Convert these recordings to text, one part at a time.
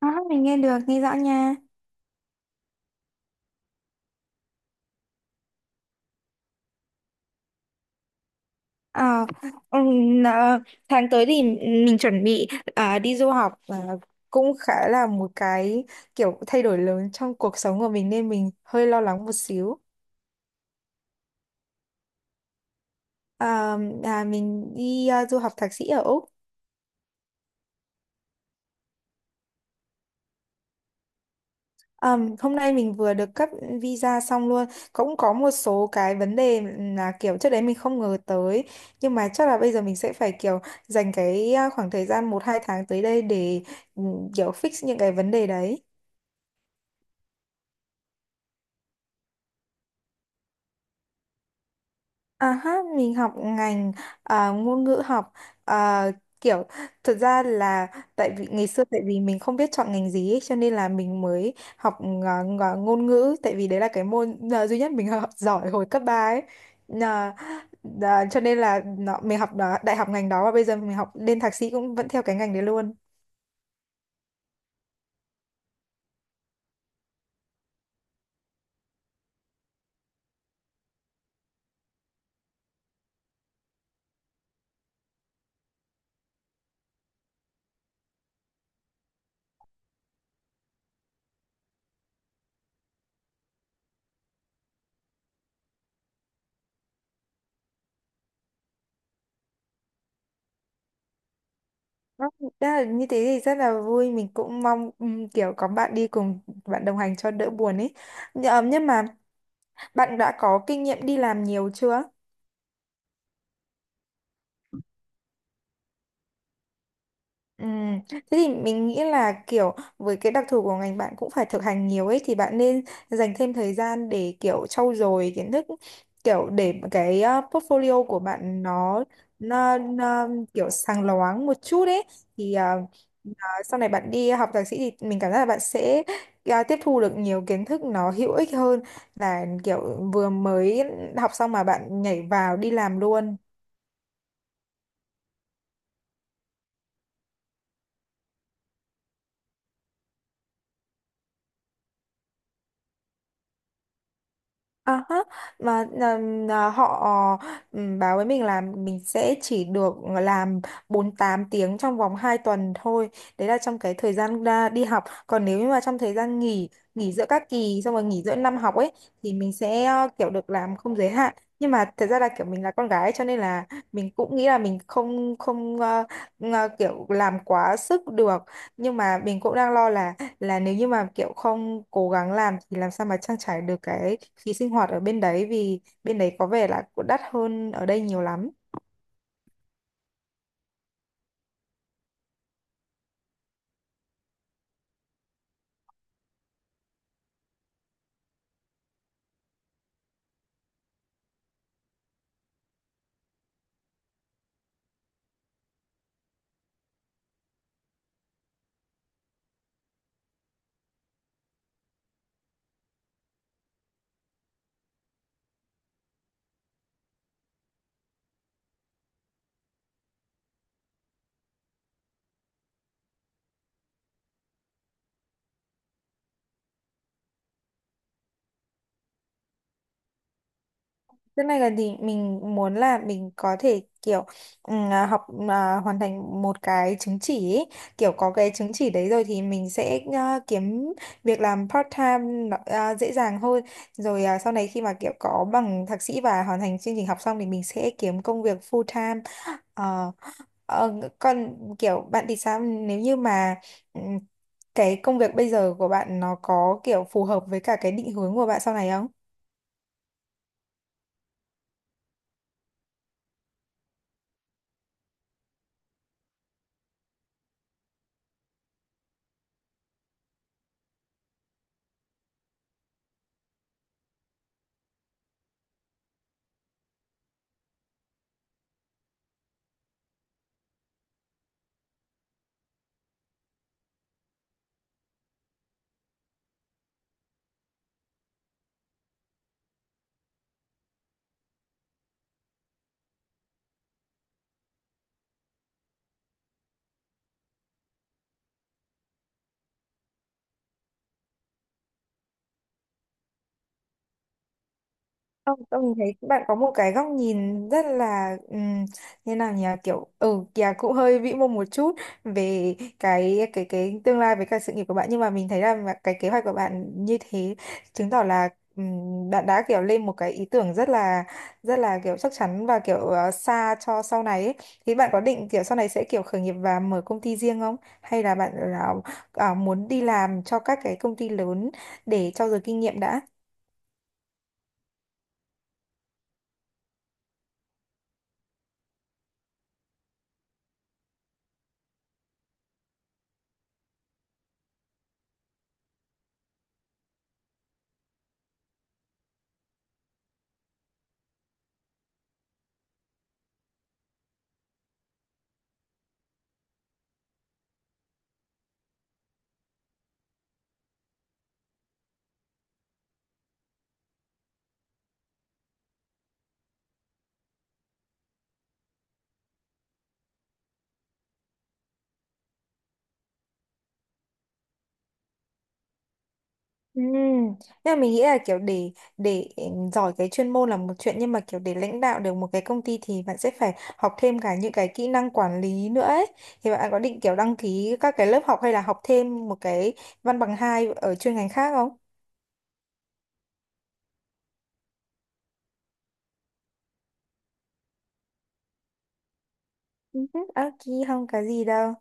À, mình nghe được, nghe rõ nha. Ờ, ừm, ờ, tháng tới thì mình chuẩn bị đi du học và cũng khá là một cái kiểu thay đổi lớn trong cuộc sống của mình nên mình hơi lo lắng một xíu. À, mình đi du học thạc sĩ ở Úc. Hôm nay mình vừa được cấp visa xong luôn. Cũng có một số cái vấn đề là kiểu trước đấy mình không ngờ tới. Nhưng mà chắc là bây giờ mình sẽ phải kiểu dành cái khoảng thời gian một hai tháng tới đây để ừ, kiểu fix những cái vấn đề đấy. À ha, mình học ngành ngôn ngữ học à, kiểu thật ra là tại vì ngày xưa tại vì mình không biết chọn ngành gì ấy, cho nên là mình mới học ngôn ngữ tại vì đấy là cái môn duy nhất mình học giỏi hồi cấp 3 ấy. Nà- cho nên là nó, mình học đó, đại học ngành đó và bây giờ mình học lên thạc sĩ cũng vẫn theo cái ngành đấy luôn. Đó, đó là như thế thì rất là vui, mình cũng mong kiểu có bạn đi cùng, bạn đồng hành cho đỡ buồn ấy. Nh- ờ, nhưng mà Bạn đã có kinh nghiệm đi làm nhiều chưa? Ừ. Thế thì mình nghĩ là kiểu với cái đặc thù của ngành, bạn cũng phải thực hành nhiều ấy, thì bạn nên dành thêm thời gian để kiểu trau dồi kiến thức, kiểu để cái portfolio của bạn nó kiểu sáng loáng một chút ấy, thì sau này bạn đi học thạc sĩ thì mình cảm giác là bạn sẽ tiếp thu được nhiều kiến thức nó hữu ích hơn là kiểu vừa mới học xong mà bạn nhảy vào đi làm luôn. À ha, mà họ báo với mình là mình sẽ chỉ được làm 48 tiếng trong vòng 2 tuần thôi. Đấy là trong cái thời gian ra đi học. Còn nếu như mà trong thời gian nghỉ giữa các kỳ xong rồi nghỉ giữa năm học ấy thì mình sẽ kiểu được làm không giới hạn. Nhưng mà thật ra là kiểu mình là con gái cho nên là mình cũng nghĩ là mình không không ờ, ngờ- kiểu làm quá sức được. Nhưng mà mình cũng đang lo là nếu như mà kiểu không cố gắng làm thì làm sao mà trang trải được cái phí sinh hoạt ở bên đấy, vì bên đấy có vẻ là cũng đắt hơn ở đây nhiều lắm. Thế này là thì mình muốn là mình có thể kiểu học hoàn thành một cái chứng chỉ ấy. Kiểu có cái chứng chỉ đấy rồi thì mình sẽ kiếm việc làm part time dễ dàng hơn. Rồi sau này khi mà kiểu có bằng thạc sĩ và hoàn thành chương trình học xong thì mình sẽ kiếm công việc full time. Ờ, ờ, còn kiểu bạn thì sao, nếu như mà ừm, cái công việc bây giờ của bạn nó có kiểu phù hợp với cả cái định hướng của bạn sau này? Không, tôi thấy bạn có một cái góc nhìn rất là như nào nhỉ, kiểu ừ kìa cũng hơi vĩ mô một chút về cái tương lai với cả sự nghiệp của bạn, nhưng mà mình thấy là mà cái kế hoạch của bạn như thế chứng tỏ là bạn đã kiểu lên một cái ý tưởng rất là kiểu chắc chắn và kiểu xa cho sau này ấy. Thì bạn có định kiểu sau này sẽ kiểu khởi nghiệp và mở công ty riêng không, hay là bạn muốn đi làm cho các cái công ty lớn để trau dồi kinh nghiệm đã? Ừ. Nhưng mà mình nghĩ là kiểu để giỏi cái chuyên môn là một chuyện, nhưng mà kiểu để lãnh đạo được một cái công ty thì bạn sẽ phải học thêm cả những cái kỹ năng quản lý nữa ấy. Thì bạn có định kiểu đăng ký các cái lớp học hay là học thêm một cái văn bằng hai ở chuyên ngành khác không? Ừ, ok, không có gì đâu.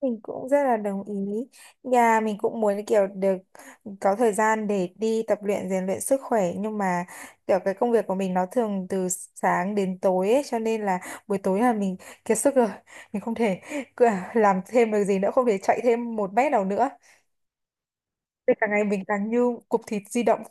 Mình cũng rất là đồng ý. Nhà mình cũng muốn kiểu được có thời gian để đi tập luyện, rèn luyện sức khỏe, nhưng mà kiểu cái công việc của mình nó thường từ sáng đến tối ấy, cho nên là buổi tối là mình kiệt sức rồi. Mình không thể cứ- làm thêm được gì nữa, không thể chạy thêm một mét nào nữa. Nên cả ngày mình càng như cục thịt di động.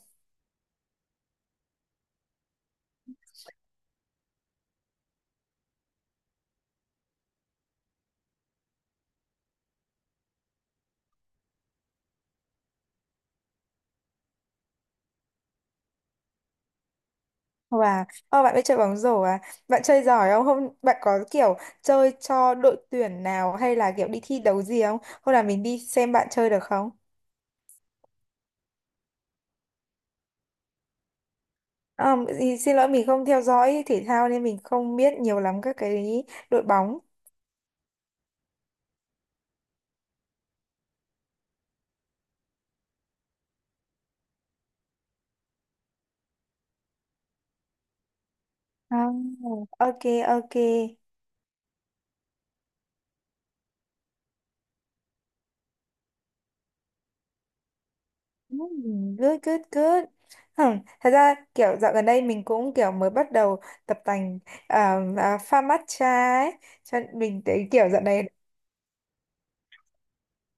Và ô, bạn biết chơi bóng rổ à? Bạn chơi giỏi không? Không, bạn có kiểu chơi cho đội tuyển nào hay là kiểu đi thi đấu gì không? Hôm nào mình đi xem bạn chơi được không? À, thì xin lỗi, mình không theo dõi thể thao nên mình không biết nhiều lắm các cái đội bóng. À, ok, ok. Good, good, good. Hmm. Thật ra kiểu dạo gần đây mình cũng kiểu mới bắt đầu tập tành pha matcha ấy. Cho nên mình thấy kiểu dạo này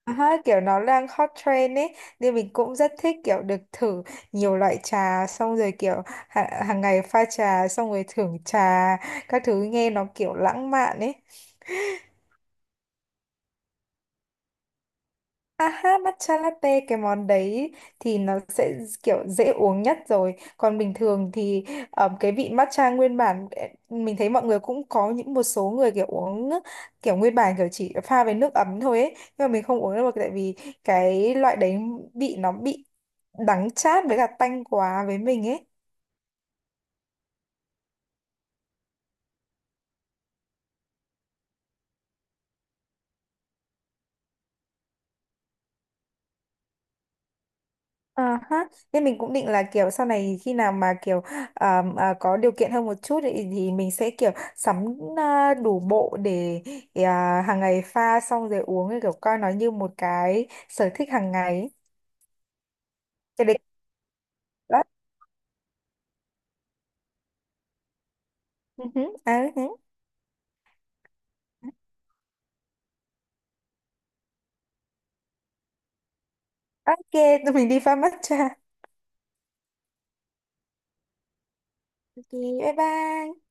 à, ha, kiểu nó đang hot trend ấy. Nên mình cũng rất thích kiểu được thử nhiều loại trà xong rồi kiểu hàng ngày pha trà xong rồi thưởng trà các thứ, nghe nó kiểu lãng mạn ấy. À ha, matcha latte cái món đấy thì nó sẽ kiểu dễ uống nhất rồi. Còn bình thường thì cái vị matcha nguyên bản mình thấy mọi người cũng có, những một số người kiểu uống kiểu nguyên bản, kiểu chỉ pha với nước ấm thôi ấy. Nhưng mà mình không uống được tại vì cái loại đấy vị nó bị đắng chát với cả tanh quá với mình ấy. À ha, nên mình cũng định là kiểu sau này khi nào mà kiểu có điều kiện hơn một chút thì mình sẽ kiểu sắm đủ bộ để hàng ngày pha xong rồi uống thì kiểu coi nó như một cái sở thích hàng ngày. Cái đấy. Đó. Ừ hứ, ừ hứ. Ok, tụi mình đi pha matcha. Ok, bye bye.